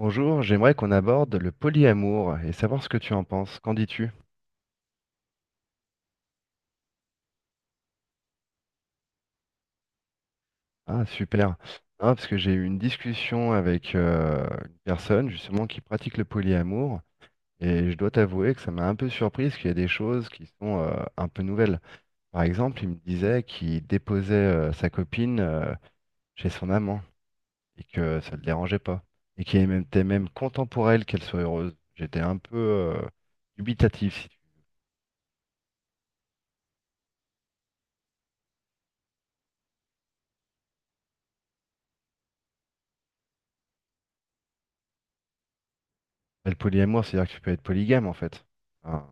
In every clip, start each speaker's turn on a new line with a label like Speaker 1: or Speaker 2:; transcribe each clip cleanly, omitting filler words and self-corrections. Speaker 1: Bonjour, j'aimerais qu'on aborde le polyamour et savoir ce que tu en penses. Qu'en dis-tu? Ah, super. Non, parce que j'ai eu une discussion avec une personne justement qui pratique le polyamour et je dois t'avouer que ça m'a un peu surprise qu'il y a des choses qui sont un peu nouvelles. Par exemple, il me disait qu'il déposait sa copine chez son amant et que ça ne le dérangeait pas et qu'il était même content pour elle qu'elle soit heureuse. J'étais un peu dubitatif. Si tu veux. Le polyamour, c'est-à-dire que tu peux être polygame en fait. Enfin,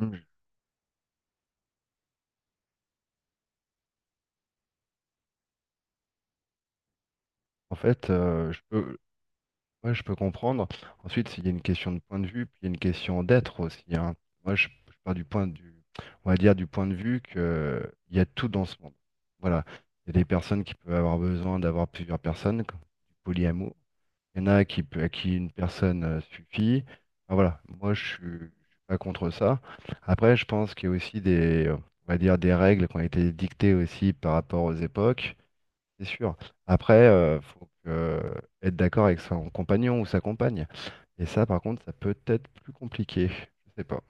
Speaker 1: mm. En fait, ouais, je peux comprendre. Ensuite, il y a une question de point de vue, puis il y a une question d'être aussi, hein. Moi, je pars on va dire du point de vue que il y a tout dans ce monde. Voilà. Il y a des personnes qui peuvent avoir besoin d'avoir plusieurs personnes, comme du polyamour. Il y en a qui peut, à qui une personne suffit. Enfin, voilà. Moi, je suis pas contre ça. Après, je pense qu'il y a aussi on va dire des règles qui ont été dictées aussi par rapport aux époques. C'est sûr. Après, être d'accord avec son compagnon ou sa compagne. Et ça, par contre, ça peut être plus compliqué. Je sais pas.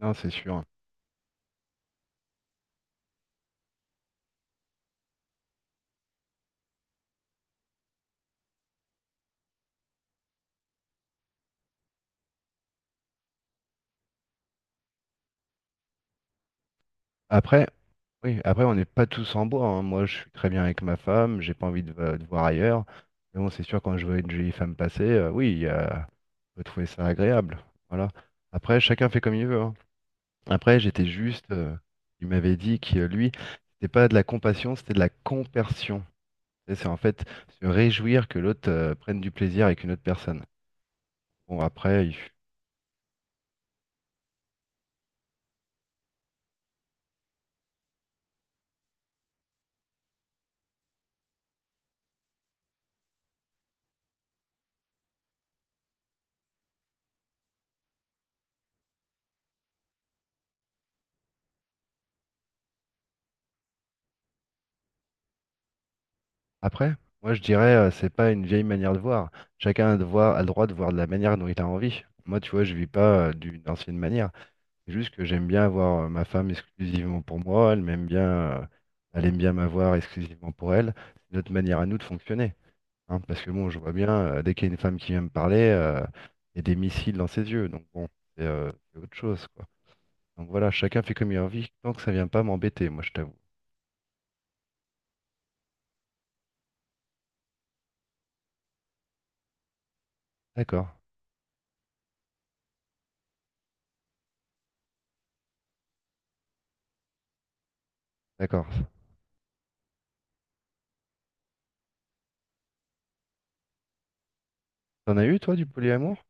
Speaker 1: Non, c'est sûr. Après, oui, après, on n'est pas tous en bois, hein. Moi, je suis très bien avec ma femme. J'ai pas envie de voir ailleurs. Mais bon, c'est sûr, quand je vois une jolie femme passer, oui, on peut trouver ça agréable. Voilà. Après, chacun fait comme il veut, hein. Après, j'étais juste. Il m'avait dit que lui, c'était pas de la compassion, c'était de la compersion. Et c'est en fait se réjouir que l'autre prenne du plaisir avec une autre personne. Bon, après, moi je dirais, c'est pas une vieille manière de voir. A le droit de voir de la manière dont il a envie. Moi, tu vois, je vis pas d'une ancienne manière. C'est juste que j'aime bien avoir ma femme exclusivement pour moi. Elle m'aime bien, elle aime bien m'avoir exclusivement pour elle. C'est notre manière à nous de fonctionner, hein, parce que bon, je vois bien, dès qu'il y a une femme qui vient me parler, il y a des missiles dans ses yeux. Donc bon, c'est autre chose, quoi. Donc voilà, chacun fait comme il a envie, tant que ça vient pas m'embêter, moi je t'avoue. D'accord, d'accord. T'en as eu toi du polyamour?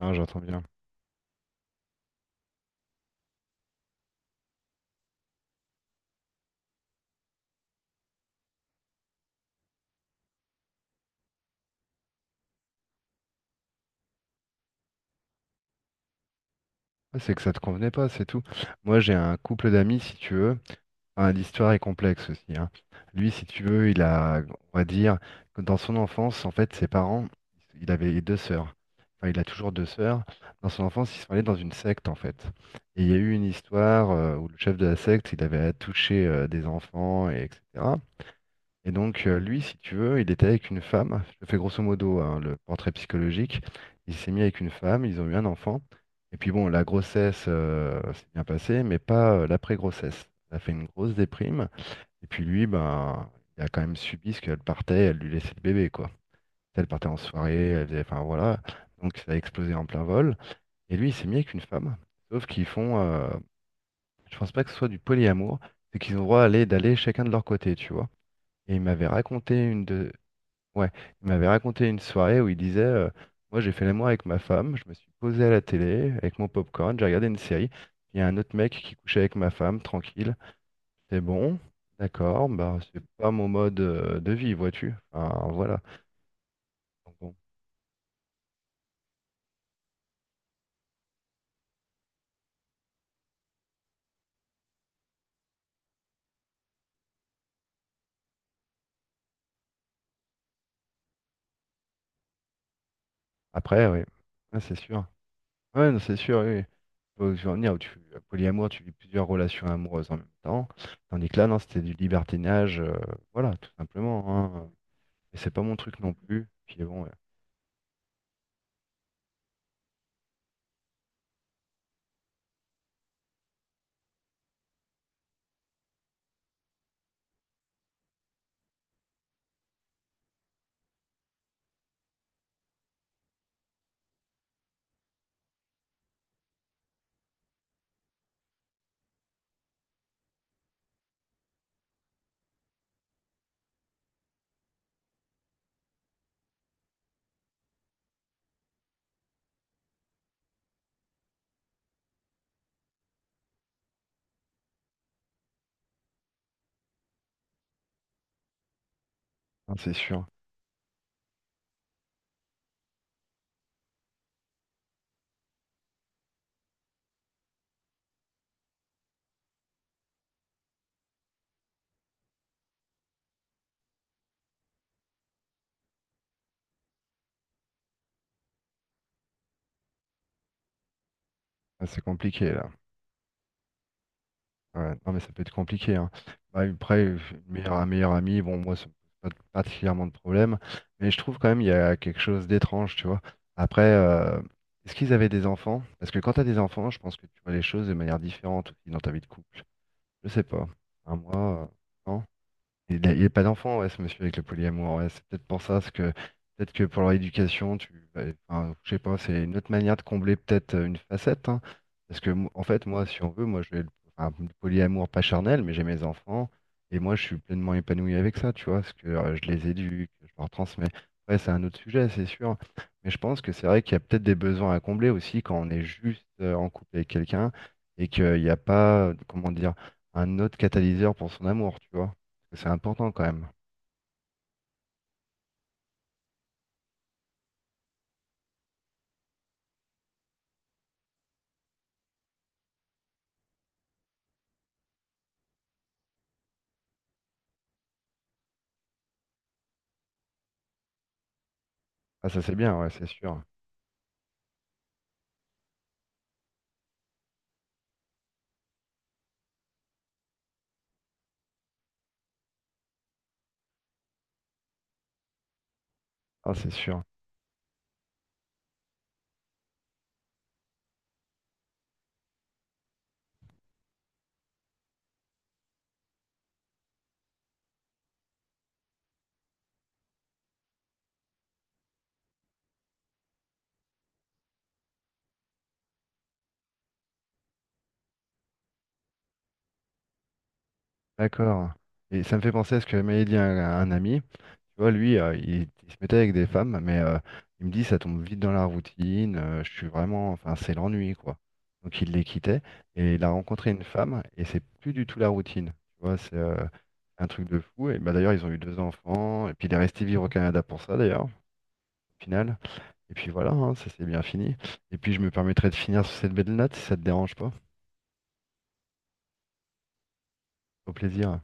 Speaker 1: Ah, j'entends bien. Ah, c'est que ça te convenait pas, c'est tout. Moi j'ai un couple d'amis, si tu veux. Enfin, l'histoire est complexe aussi, hein. Lui, si tu veux, on va dire, que dans son enfance, en fait, ses parents, il avait deux sœurs. Enfin, il a toujours deux sœurs. Dans son enfance, ils sont allés dans une secte, en fait. Et il y a eu une histoire où le chef de la secte, il avait à toucher des enfants, et etc. Et donc, lui, si tu veux, il était avec une femme. Je fais grosso modo hein, le portrait psychologique. Il s'est mis avec une femme, ils ont eu un enfant. Et puis bon, la grossesse s'est bien passée, mais pas l'après-grossesse. Ça a fait une grosse déprime. Et puis lui, ben, il a quand même subi ce qu'elle partait, elle lui laissait le bébé, quoi. Elle partait en soirée, elle faisait, enfin voilà. Donc ça a explosé en plein vol. Et lui, il s'est mis avec une femme. Sauf qu'ils font, je pense pas que ce soit du polyamour, c'est qu'ils ont le droit d'aller chacun de leur côté, tu vois. Et il m'avait raconté ouais, il m'avait raconté une soirée où il disait moi j'ai fait l'amour avec ma femme, je me suis posé à la télé avec mon popcorn, j'ai regardé une série, il y a un autre mec qui couchait avec ma femme, tranquille, c'est bon, d'accord, bah c'est pas mon mode de vie, vois-tu. Enfin voilà. Donc bon. Après, oui, ah, c'est sûr. Ouais, non, c'est sûr, oui. Oui. Faut en venir où tu polyamour, tu vis plusieurs relations amoureuses en même temps. Tandis que là, non, c'était du libertinage, voilà, tout simplement, hein. Et c'est pas mon truc non plus. Puis bon, ouais. Non, c'est sûr. Ah, c'est compliqué là. Ouais. Non mais ça peut être compliqué, hein. Bah, après, un meilleur ami, bon moi ça me pose pas particulièrement de problème, mais je trouve quand même il y a quelque chose d'étrange, tu vois. Après, est-ce qu'ils avaient des enfants? Parce que quand tu as des enfants, je pense que tu vois les choses de manière différente aussi dans ta vie de couple. Je sais pas. Un mois, non? Il a pas d'enfant, ouais, ce monsieur avec le polyamour. Ouais, c'est peut-être pour ça, parce que peut-être que pour leur éducation, tu, ouais, enfin, je sais pas, c'est une autre manière de combler peut-être une facette, hein. En fait, moi, si on veut, moi, enfin, le polyamour pas charnel, mais j'ai mes enfants et moi, je suis pleinement épanoui avec ça, tu vois, parce que je les éduque, je leur transmets. Ouais, c'est un autre sujet, c'est sûr. Mais je pense que c'est vrai qu'il y a peut-être des besoins à combler aussi quand on est juste en couple avec quelqu'un et qu'il n'y a pas, comment dire, un autre catalyseur pour son amour, tu vois. C'est important quand même. Ah, ça c'est bien, ouais, c'est sûr. Ah, c'est sûr. D'accord. Et ça me fait penser à ce que m'avait dit un ami. Tu vois, lui, il se mettait avec des femmes, mais il me dit, ça tombe vite dans la routine. Je suis vraiment, enfin, c'est l'ennui, quoi. Donc il les quittait et il a rencontré une femme et c'est plus du tout la routine. Tu vois, c'est un truc de fou. Et bah, d'ailleurs, ils ont eu deux enfants et puis il est resté vivre au Canada pour ça, d'ailleurs, au final. Et puis voilà, hein, ça s'est bien fini. Et puis je me permettrai de finir sur cette belle note si ça te dérange pas. Au plaisir.